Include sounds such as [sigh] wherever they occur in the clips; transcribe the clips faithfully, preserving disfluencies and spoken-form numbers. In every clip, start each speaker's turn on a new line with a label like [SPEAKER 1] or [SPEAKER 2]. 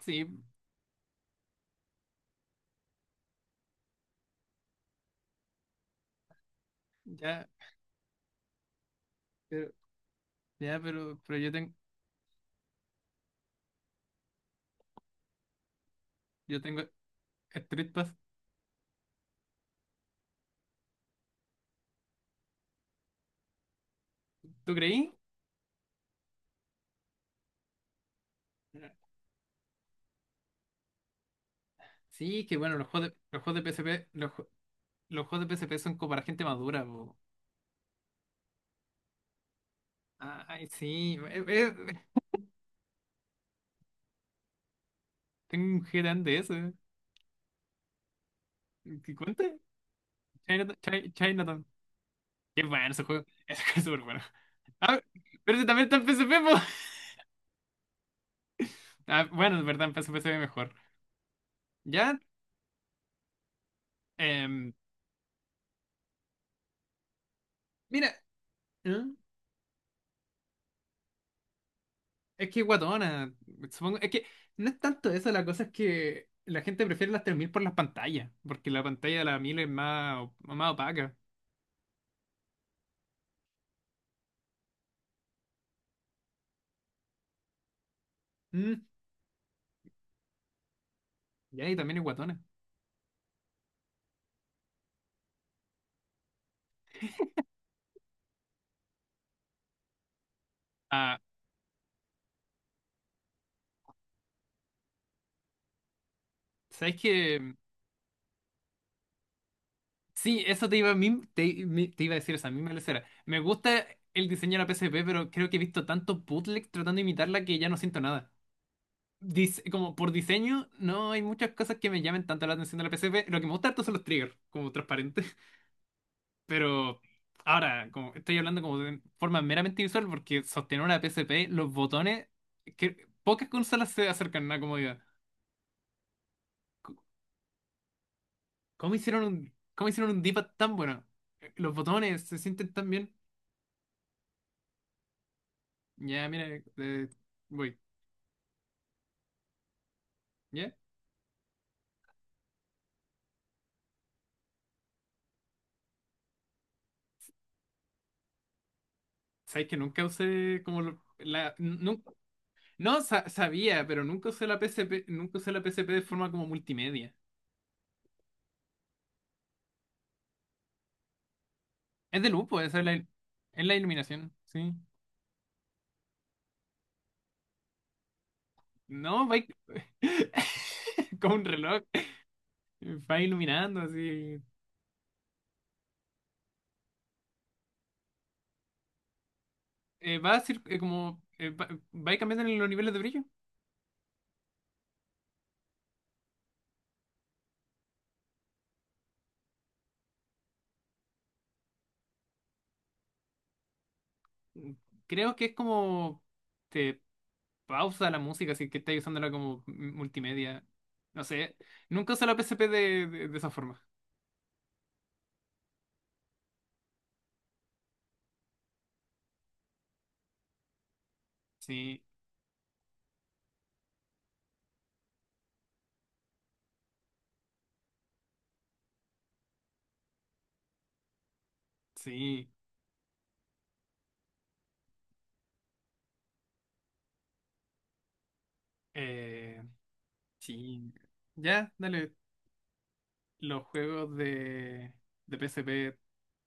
[SPEAKER 1] Sí, ya, pero, ya, pero, pero yo tengo, yo tengo Street Pass. ¿Tú creí? Sí, que bueno, los juegos de, los juegos de P S P, los, ju- los juegos de P S P son como para gente madura, po. Ay, sí, eh, eh, tengo un G T A N de eso. ¿Qué cuenta? Chinatown, Chi- Chinatown. Qué bueno ese juego. [laughs] Ese juego es súper bueno. Ah, pero ese también está en P S P, po. Ah, bueno, es verdad, en P S P se ve mejor. Ya, em, mira. ¿Eh? Es que guatona, supongo, es que no es tanto eso. La cosa es que la gente prefiere las tres mil por las pantallas, porque la pantalla de la mil es más, op- más opaca. Mm, ya, y también es guatona. Ah, ¿sabes qué? Sí, eso te iba, a mim- te, mi- te iba a decir esa misma lecera. Me gusta el diseño de la P S P, pero creo que he visto tanto bootleg tratando de imitarla que ya no siento nada. Dis- como por diseño, no hay muchas cosas que me llamen tanto la atención de la P S P. Lo que me gusta harto son los triggers, como transparentes. Pero ahora, como estoy hablando como de forma meramente visual, porque sostener una P S P, los botones, que pocas consolas se acercan a una comodidad. C- ¿Cómo hicieron un, cómo hicieron un D-pad tan bueno? Eh, Los botones se sienten tan bien. Ya, mira, eh, voy. ¿Ya? ¿Sabes que nunca usé como lo- la... nun- No, sa- sabía, pero nunca usé la P S P nunca usé la P S P de forma como multimedia. Es de luz, pues, esa es la, il- es la iluminación, sí. No, va [laughs] como un reloj. eh, va iluminando así. Eh, va a ser eh, como. Eh, va, va cambiando en los niveles de brillo. Creo que es como. Te pausa la música, así que estás usándola como multimedia. No sé. Nunca usé la P PSP de, de, de esa forma. Sí, sí. Eh, sí. Ya, dale. Los juegos de, de P S P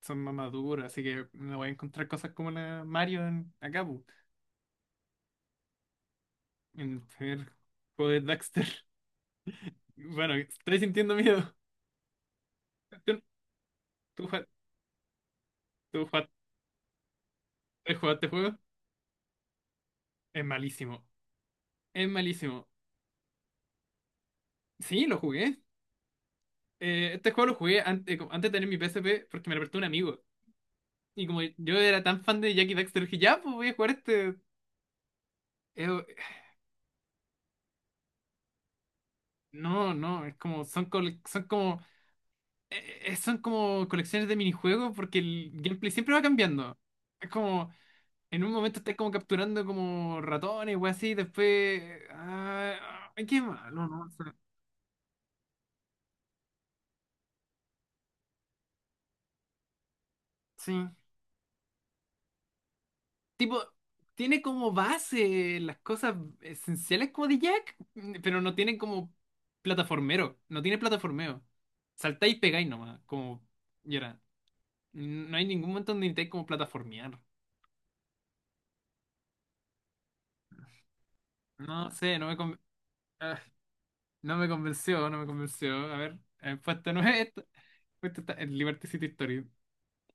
[SPEAKER 1] son más maduros, así que me voy a encontrar cosas como la Mario en Akabu. En el primer juego de Daxter. Bueno, estoy sintiendo miedo. ¿Tú, tú jue- tú jue- has jugado este juego? Es malísimo. Es malísimo. Sí, lo jugué. Eh, este juego lo jugué antes, antes de tener mi P S P porque me lo prestó un amigo. Y como yo era tan fan de Jackie Daxter, dije, ya, pues voy a jugar este. Eh, no, no, es como, son, cole- son como, eh, eh, son como colecciones de minijuegos porque el gameplay siempre va cambiando. Es como, en un momento estás como capturando como ratones o así, después... ah, ay, qué malo, ¿no? O sea, sí. Tipo, tiene como base las cosas esenciales como de Jack, mm, pero no tiene como plataformero, no tiene plataformeo. Saltáis y pegáis nomás, como y ahora, No hay ningún momento donde intentáis como plataformear. No sé, no me, con- ah, no me convenció, no me convenció. A ver, eh, puesto nueve, [laughs] esto, puesto está el Liberty City Story.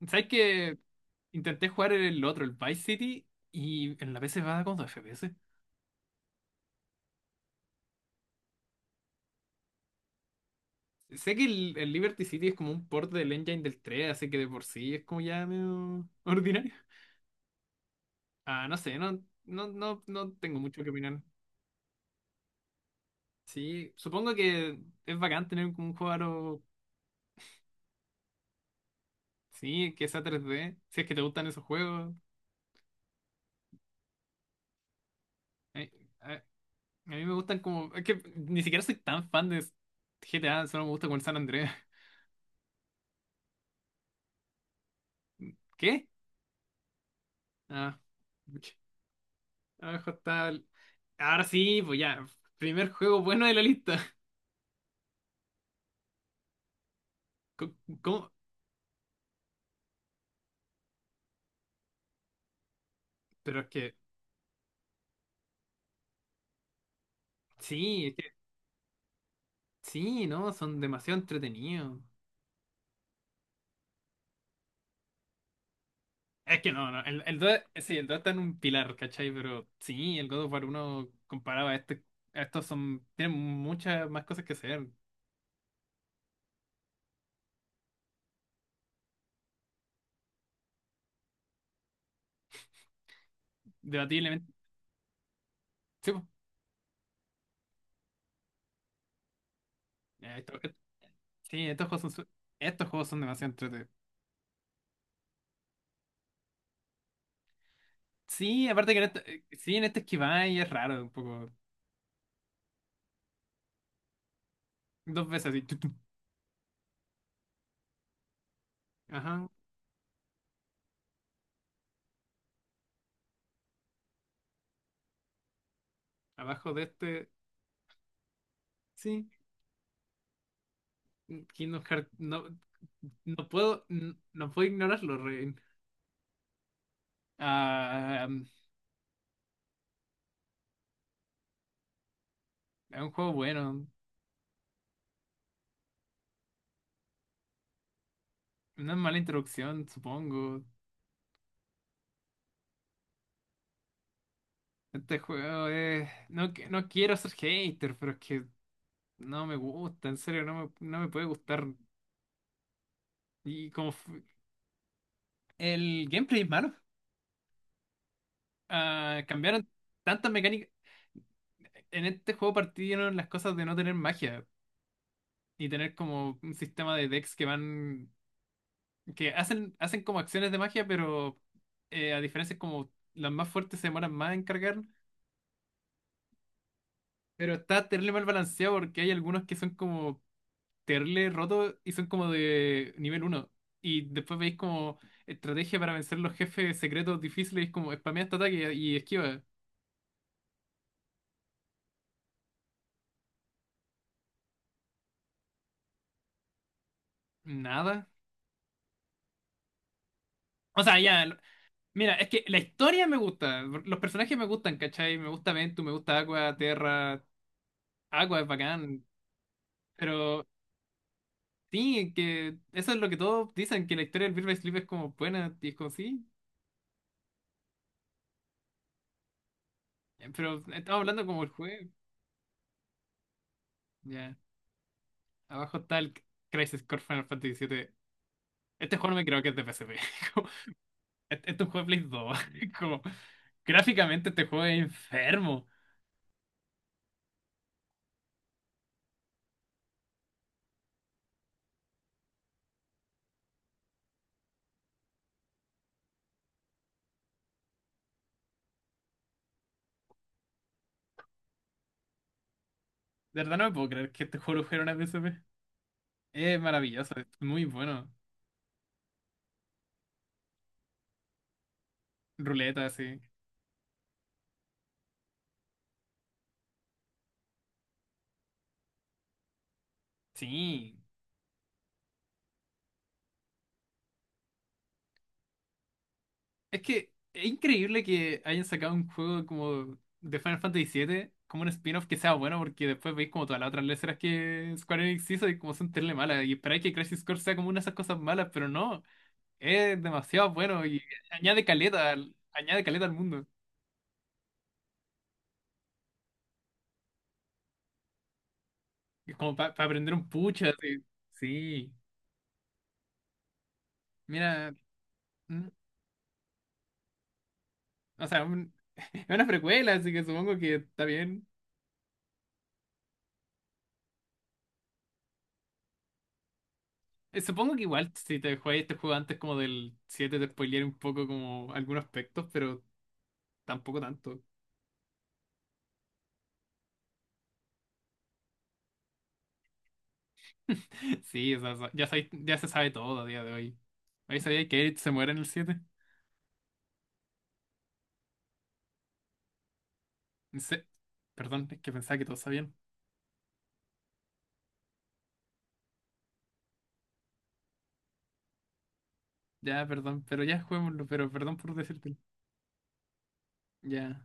[SPEAKER 1] ¿Sabes que intenté jugar el otro, el Vice City, y en la P C va como dos F P S? Sé que el, el Liberty City es como un port del engine del tres, así que de por sí es como ya medio [laughs] ordinario. Ah, no sé, no, no, no, no tengo mucho que opinar. Sí, supongo que es bacán tener como un juego aro, sí, que sea tres d si es que te gustan esos juegos. Eh, A, a mí me gustan como, es que ni siquiera soy tan fan de G T A, solo me gusta con el San Andreas. [laughs] ¿Qué? Ah, pucha. Abajo está... el- Ahora sí, pues ya, primer juego bueno de la lista. [laughs] Co- ¿Cómo? Pero es que... Sí, es que- sí, ¿no? Son demasiado entretenidos. Es que no, no, el, el dos, sí, el dos está en un pilar, ¿cachai? Pero sí, el God of War uno comparado a este, a estos son, tienen muchas más cosas que hacer, debatiblemente. Sí, po. Eh, esto- eh, sí, estos juegos son, su- estos juegos son demasiado entretenidos. Sí, aparte que en este, eh, sí, en este esquiváis es raro, un poco, dos veces así, tu, tu. Ajá, abajo de este, sí. Kingdom Hearts, no, no puedo, no puedo ignorarlo, Rein. Ah, es un juego bueno, una mala introducción, supongo. Este juego es... No, que- no quiero ser hater, pero es que no me gusta, en serio, no me, no me puede gustar. Y como fu- el gameplay es malo. Ah, cambiaron tantas mecánicas. En este juego partieron las cosas de no tener magia y tener como un sistema de decks que van... que hacen, hacen como acciones de magia, pero eh, a diferencia es como las más fuertes se demoran más en cargar. Pero está terrible mal balanceado porque hay algunos que son como terrible rotos y son como de nivel uno. Y después veis como estrategia para vencer los jefes secretos difíciles, como spamea este ataque y esquiva. Nada. O sea, ya. lo- Mira, es que la historia me gusta. Los personajes me gustan, ¿cachai? Me gusta Ventu, me gusta Aqua, Terra. Aqua es bacán. Pero sí, que eso es lo que todos dicen, que la historia del Birth by Sleep es como buena. Y es como sí. Pero estamos hablando como el juego. Ya. Abajo está el Crisis Core Final Fantasy siete. Este juego no me creo que es de P S P. [laughs] Como, Este este es un juego de Play dos. [laughs] Como, gráficamente este juego es enfermo. De verdad no me puedo creer que este juego lo fuera una P S P. Es maravilloso, es muy bueno. Ruleta, sí. Sí. Es que es increíble que hayan sacado un juego como de Final Fantasy siete, como un spin-off que sea bueno, porque después veis como todas las otras letras que Square Enix hizo y como son terrible malas. Y esperáis que Crisis Core sea como una de esas cosas malas, pero no. Es demasiado bueno y añade caleta, al- añade caleta al mundo. Es como para aprender un pucha, así. Sí. Mira, mm, o sea, un- [laughs] es una precuela, así que supongo que está bien. Eh, Supongo que igual si te juegas este juego antes como del siete te spoilearé un poco como algunos aspectos, pero tampoco tanto. [laughs] Sí, o sea, so- ya, sabéis- ya se sabe todo a día de hoy. ¿Ahí sabía que Eric se muere en el siete? En se- Perdón, es que pensaba que todos sabían. Ya, perdón, pero ya juguémoslo, pero perdón por decírtelo. Ya.